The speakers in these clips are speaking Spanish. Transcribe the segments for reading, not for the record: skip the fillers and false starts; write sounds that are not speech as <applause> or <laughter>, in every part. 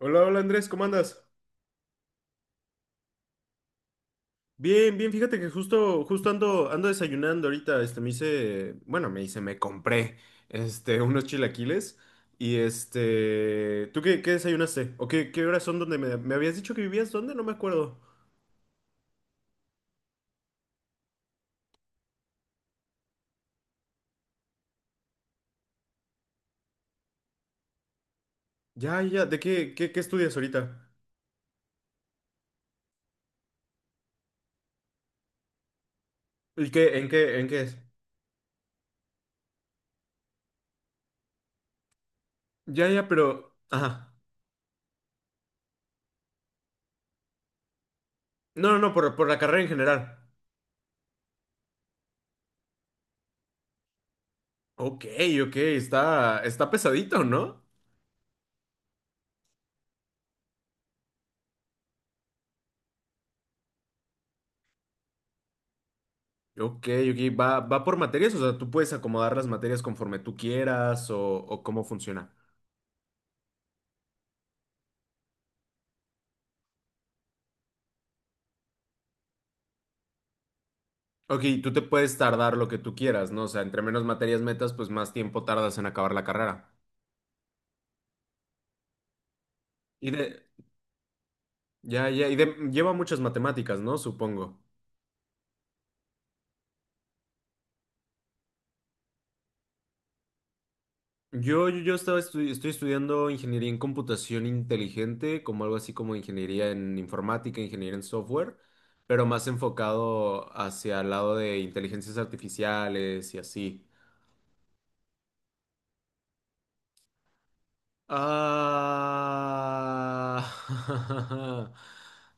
Hola, hola Andrés, ¿cómo andas? Bien, bien, fíjate que justo ando, desayunando ahorita, este, me hice, bueno, me compré, este, <laughs> unos chilaquiles y este, ¿tú qué, qué desayunaste? ¿O qué, qué horas son donde me habías dicho que vivías? ¿Dónde? No me acuerdo. Ya, ya, ¿de qué, qué estudias ahorita? ¿Y qué, en qué, en qué es? Ya, ya, pero, ajá. No, no, no, por la carrera en general. Ok, ok, está, está pesadito, ¿no? Ok, ok, va, va por materias, o sea, tú puedes acomodar las materias conforme tú quieras o cómo funciona. Ok, tú te puedes tardar lo que tú quieras, ¿no? O sea, entre menos materias metas, pues más tiempo tardas en acabar la carrera. Y de, ya, ya, y de, lleva muchas matemáticas, ¿no? Supongo. Yo estaba estoy estudiando ingeniería en computación inteligente, como algo así como ingeniería en informática, ingeniería en software, pero más enfocado hacia el lado de inteligencias artificiales y así. Ah, <laughs>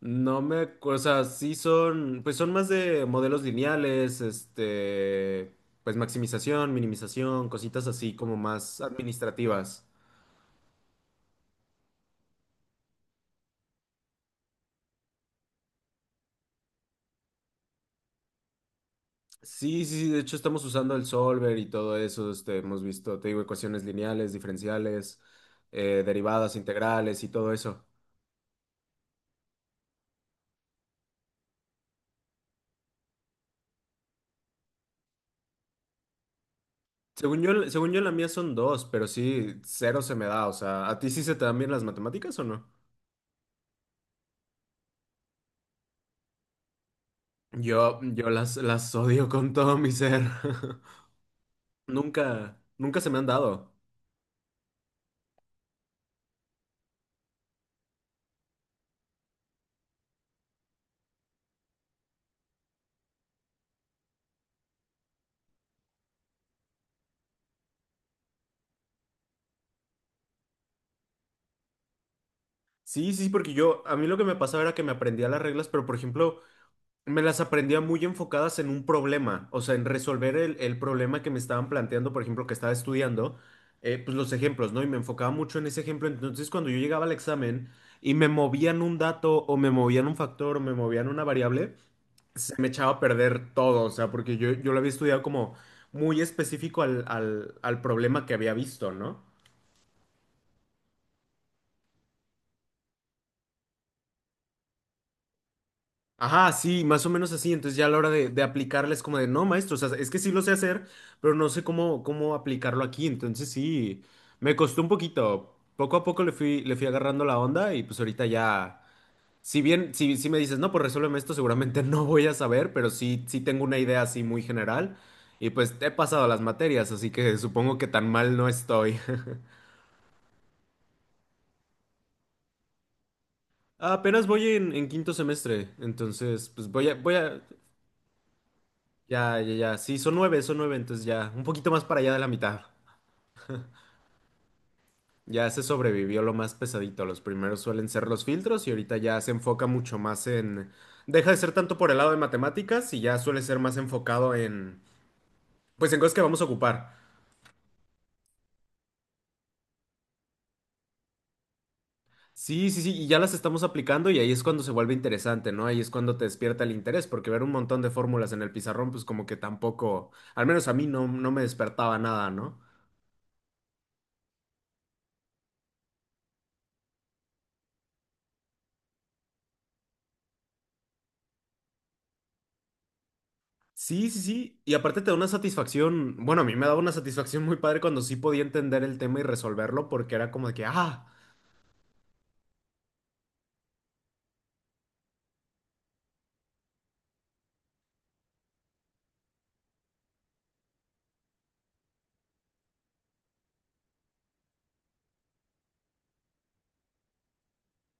no me acuerdo, o sea, sí son, pues son más de modelos lineales, este, pues maximización, minimización, cositas así como más administrativas. Sí, sí, sí, de hecho estamos usando el solver y todo eso, este, hemos visto, te digo, ecuaciones lineales, diferenciales, derivadas, integrales y todo eso. Según yo la mía son dos, pero sí, cero se me da, o sea, ¿a ti sí se te dan bien las matemáticas o no? Yo las odio con todo mi ser. <laughs> Nunca, nunca se me han dado. Sí, sí, porque yo, a mí lo que me pasaba era que me aprendía las reglas, pero por ejemplo, me las aprendía muy enfocadas en un problema, o sea, en resolver el problema que me estaban planteando, por ejemplo, que estaba estudiando, pues los ejemplos, ¿no? Y me enfocaba mucho en ese ejemplo. Entonces, cuando yo llegaba al examen y me movían un dato o me movían un factor o me movían una variable, se me echaba a perder todo, o sea, porque yo lo había estudiado como muy específico al, al, al problema que había visto, ¿no? Ajá, sí, más o menos así, entonces ya a la hora de aplicarla es como de, no, maestro, o sea, es que sí lo sé hacer, pero no sé cómo, cómo aplicarlo aquí, entonces sí, me costó un poquito, poco a poco le fui agarrando la onda y pues ahorita ya, si bien, si, si me dices, no, pues resuélveme esto, seguramente <laughs> no voy a saber, pero sí, sí tengo una idea así muy general. Y pues he pasado las materias, así que supongo que tan mal no estoy. Ah, apenas voy en quinto semestre, entonces pues voy a, voy a, ya, ya, ya, sí, son nueve, entonces ya, un poquito más para allá de la mitad. Ya se sobrevivió lo más pesadito, los primeros suelen ser los filtros y ahorita ya se enfoca mucho más en, deja de ser tanto por el lado de matemáticas y ya suele ser más enfocado en, pues en cosas que vamos a ocupar. Sí, sí, sí, y ya las estamos aplicando y ahí es cuando se vuelve interesante, ¿no? Ahí es cuando te despierta el interés, porque ver un montón de fórmulas en el pizarrón, pues como que tampoco, al menos a mí no, no me despertaba nada, ¿no? Sí, sí, sí. Y aparte te da una satisfacción, bueno, a mí me daba una satisfacción muy padre cuando sí podía entender el tema y resolverlo porque era como de que, ah,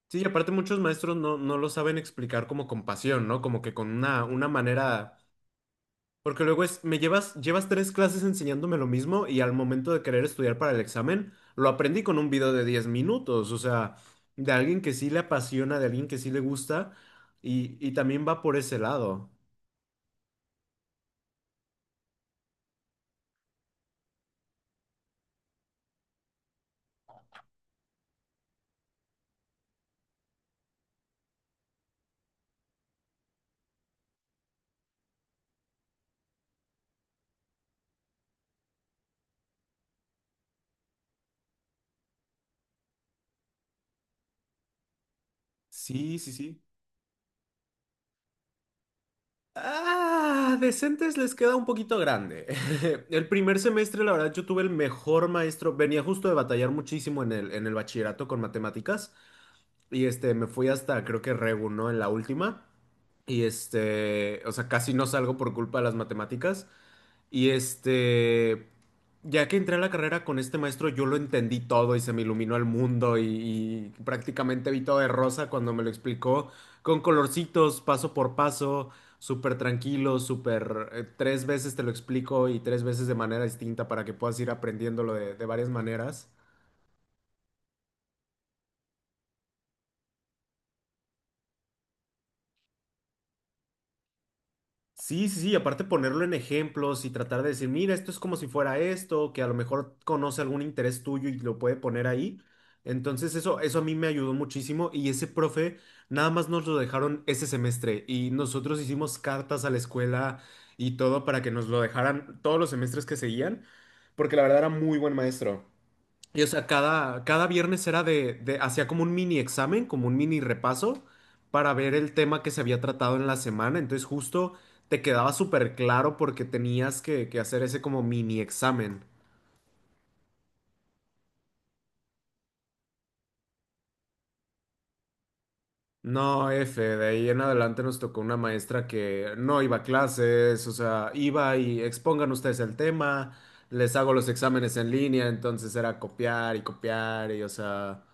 sí, y aparte muchos maestros no, no lo saben explicar como con pasión, ¿no? Como que con una manera, porque luego es, me llevas, llevas tres clases enseñándome lo mismo y al momento de querer estudiar para el examen, lo aprendí con un video de 10 minutos, o sea, de alguien que sí le apasiona, de alguien que sí le gusta y también va por ese lado. Sí, sí, sí. Ah, decentes les queda un poquito grande. <laughs> El primer semestre, la verdad, yo tuve el mejor maestro. Venía justo de batallar muchísimo en el bachillerato con matemáticas. Y este, me fui hasta creo que Regu, ¿no? En la última. Y este, o sea, casi no salgo por culpa de las matemáticas. Y este, ya que entré a la carrera con este maestro, yo lo entendí todo y se me iluminó el mundo y prácticamente vi todo de rosa cuando me lo explicó con colorcitos, paso por paso, súper tranquilo, súper... tres veces te lo explico y tres veces de manera distinta para que puedas ir aprendiéndolo de varias maneras. Sí, sí, sí, aparte ponerlo en ejemplos y tratar de decir, mira, esto es como si fuera esto, que a lo mejor conoce algún interés tuyo y lo puede poner ahí. Entonces eso a mí me ayudó muchísimo y ese profe nada más nos lo dejaron ese semestre y nosotros hicimos cartas a la escuela y todo para que nos lo dejaran todos los semestres que seguían, porque la verdad era muy buen maestro. Y o sea, cada, cada viernes era de, hacía como un mini examen, como un mini repaso para ver el tema que se había tratado en la semana. Entonces justo te quedaba súper claro porque tenías que hacer ese como mini examen. No, F, de ahí en adelante nos tocó una maestra que no iba a clases, o sea, iba y expongan ustedes el tema, les hago los exámenes en línea, entonces era copiar y copiar y o sea...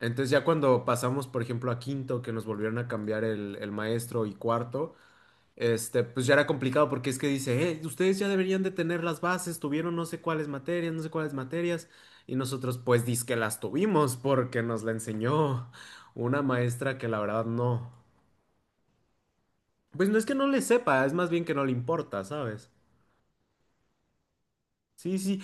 Entonces ya cuando pasamos, por ejemplo, a quinto, que nos volvieron a cambiar el maestro y cuarto, este, pues ya era complicado porque es que dice, ustedes ya deberían de tener las bases, tuvieron no sé cuáles materias, no sé cuáles materias, y nosotros pues dizque las tuvimos porque nos la enseñó una maestra que la verdad no. Pues no es que no le sepa, es más bien que no le importa, ¿sabes? Sí, sí.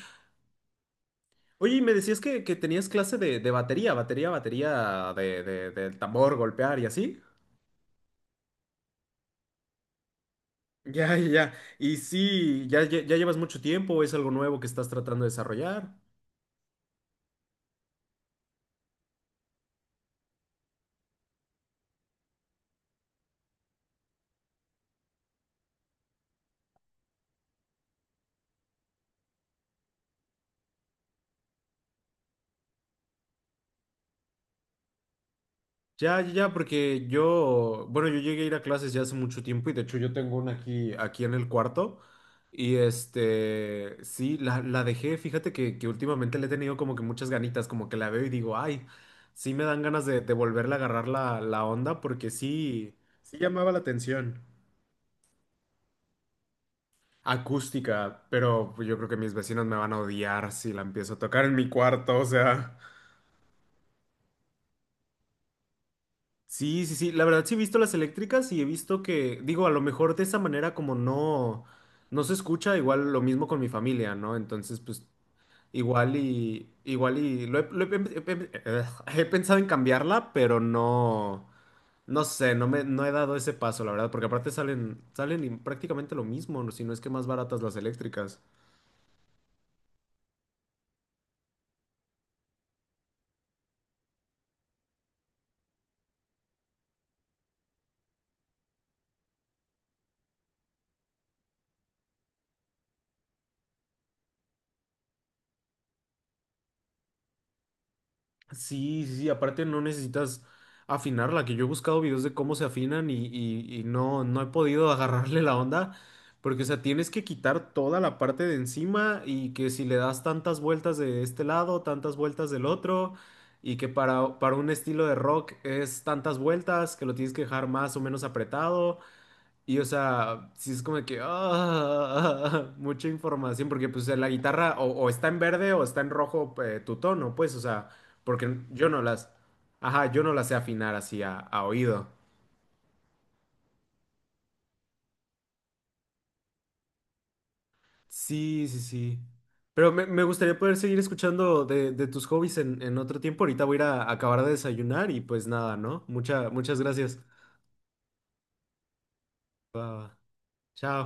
Oye, y me decías que tenías clase de batería, batería, batería de, del tambor, golpear y así. Ya, ya. ya. Y sí, ya, ya, llevas mucho tiempo, es algo nuevo que estás tratando de desarrollar. Ya, ya, ya, porque yo, bueno, yo llegué a ir a clases ya hace mucho tiempo y de hecho yo tengo una aquí, aquí en el cuarto. Y este, sí, la dejé, fíjate que últimamente le he tenido como que muchas ganitas, como que la veo y digo, ay, sí me dan ganas de volverle a agarrar la, la onda porque sí, sí llamaba la atención. Acústica, pero pues, yo creo que mis vecinos me van a odiar si la empiezo a tocar en mi cuarto, o sea. Sí, sí, sí, la verdad sí he visto las eléctricas y he visto que, digo, a lo mejor de esa manera como no, no se escucha, igual lo mismo con mi familia, ¿no? Entonces, pues igual y, igual y, lo he, he pensado en cambiarla, pero no, no sé, no me, no he dado ese paso, la verdad, porque aparte salen, salen y prácticamente lo mismo, ¿no? si no es que más baratas las eléctricas. Sí, sí, sí, aparte no necesitas afinarla, que yo he buscado videos de cómo se afinan y, y no, no he podido <laughs> agarrarle la onda, porque o sea, tienes que quitar toda la parte de encima y que si le das tantas vueltas de este lado, tantas vueltas del otro, y que para un estilo de rock es tantas vueltas, que lo tienes que dejar más o menos apretado, y o sea, sí es como de que ah, <laughs> mucha información, porque pues la guitarra o está en verde o está en rojo tu tono, pues, o sea, porque yo no las, ajá, yo no las sé afinar así a oído. Sí, sí, sí. Pero me gustaría poder seguir escuchando de tus hobbies en otro tiempo. Ahorita voy a ir a acabar de desayunar y pues nada, ¿no? Mucha, muchas gracias. Va, va. Chao.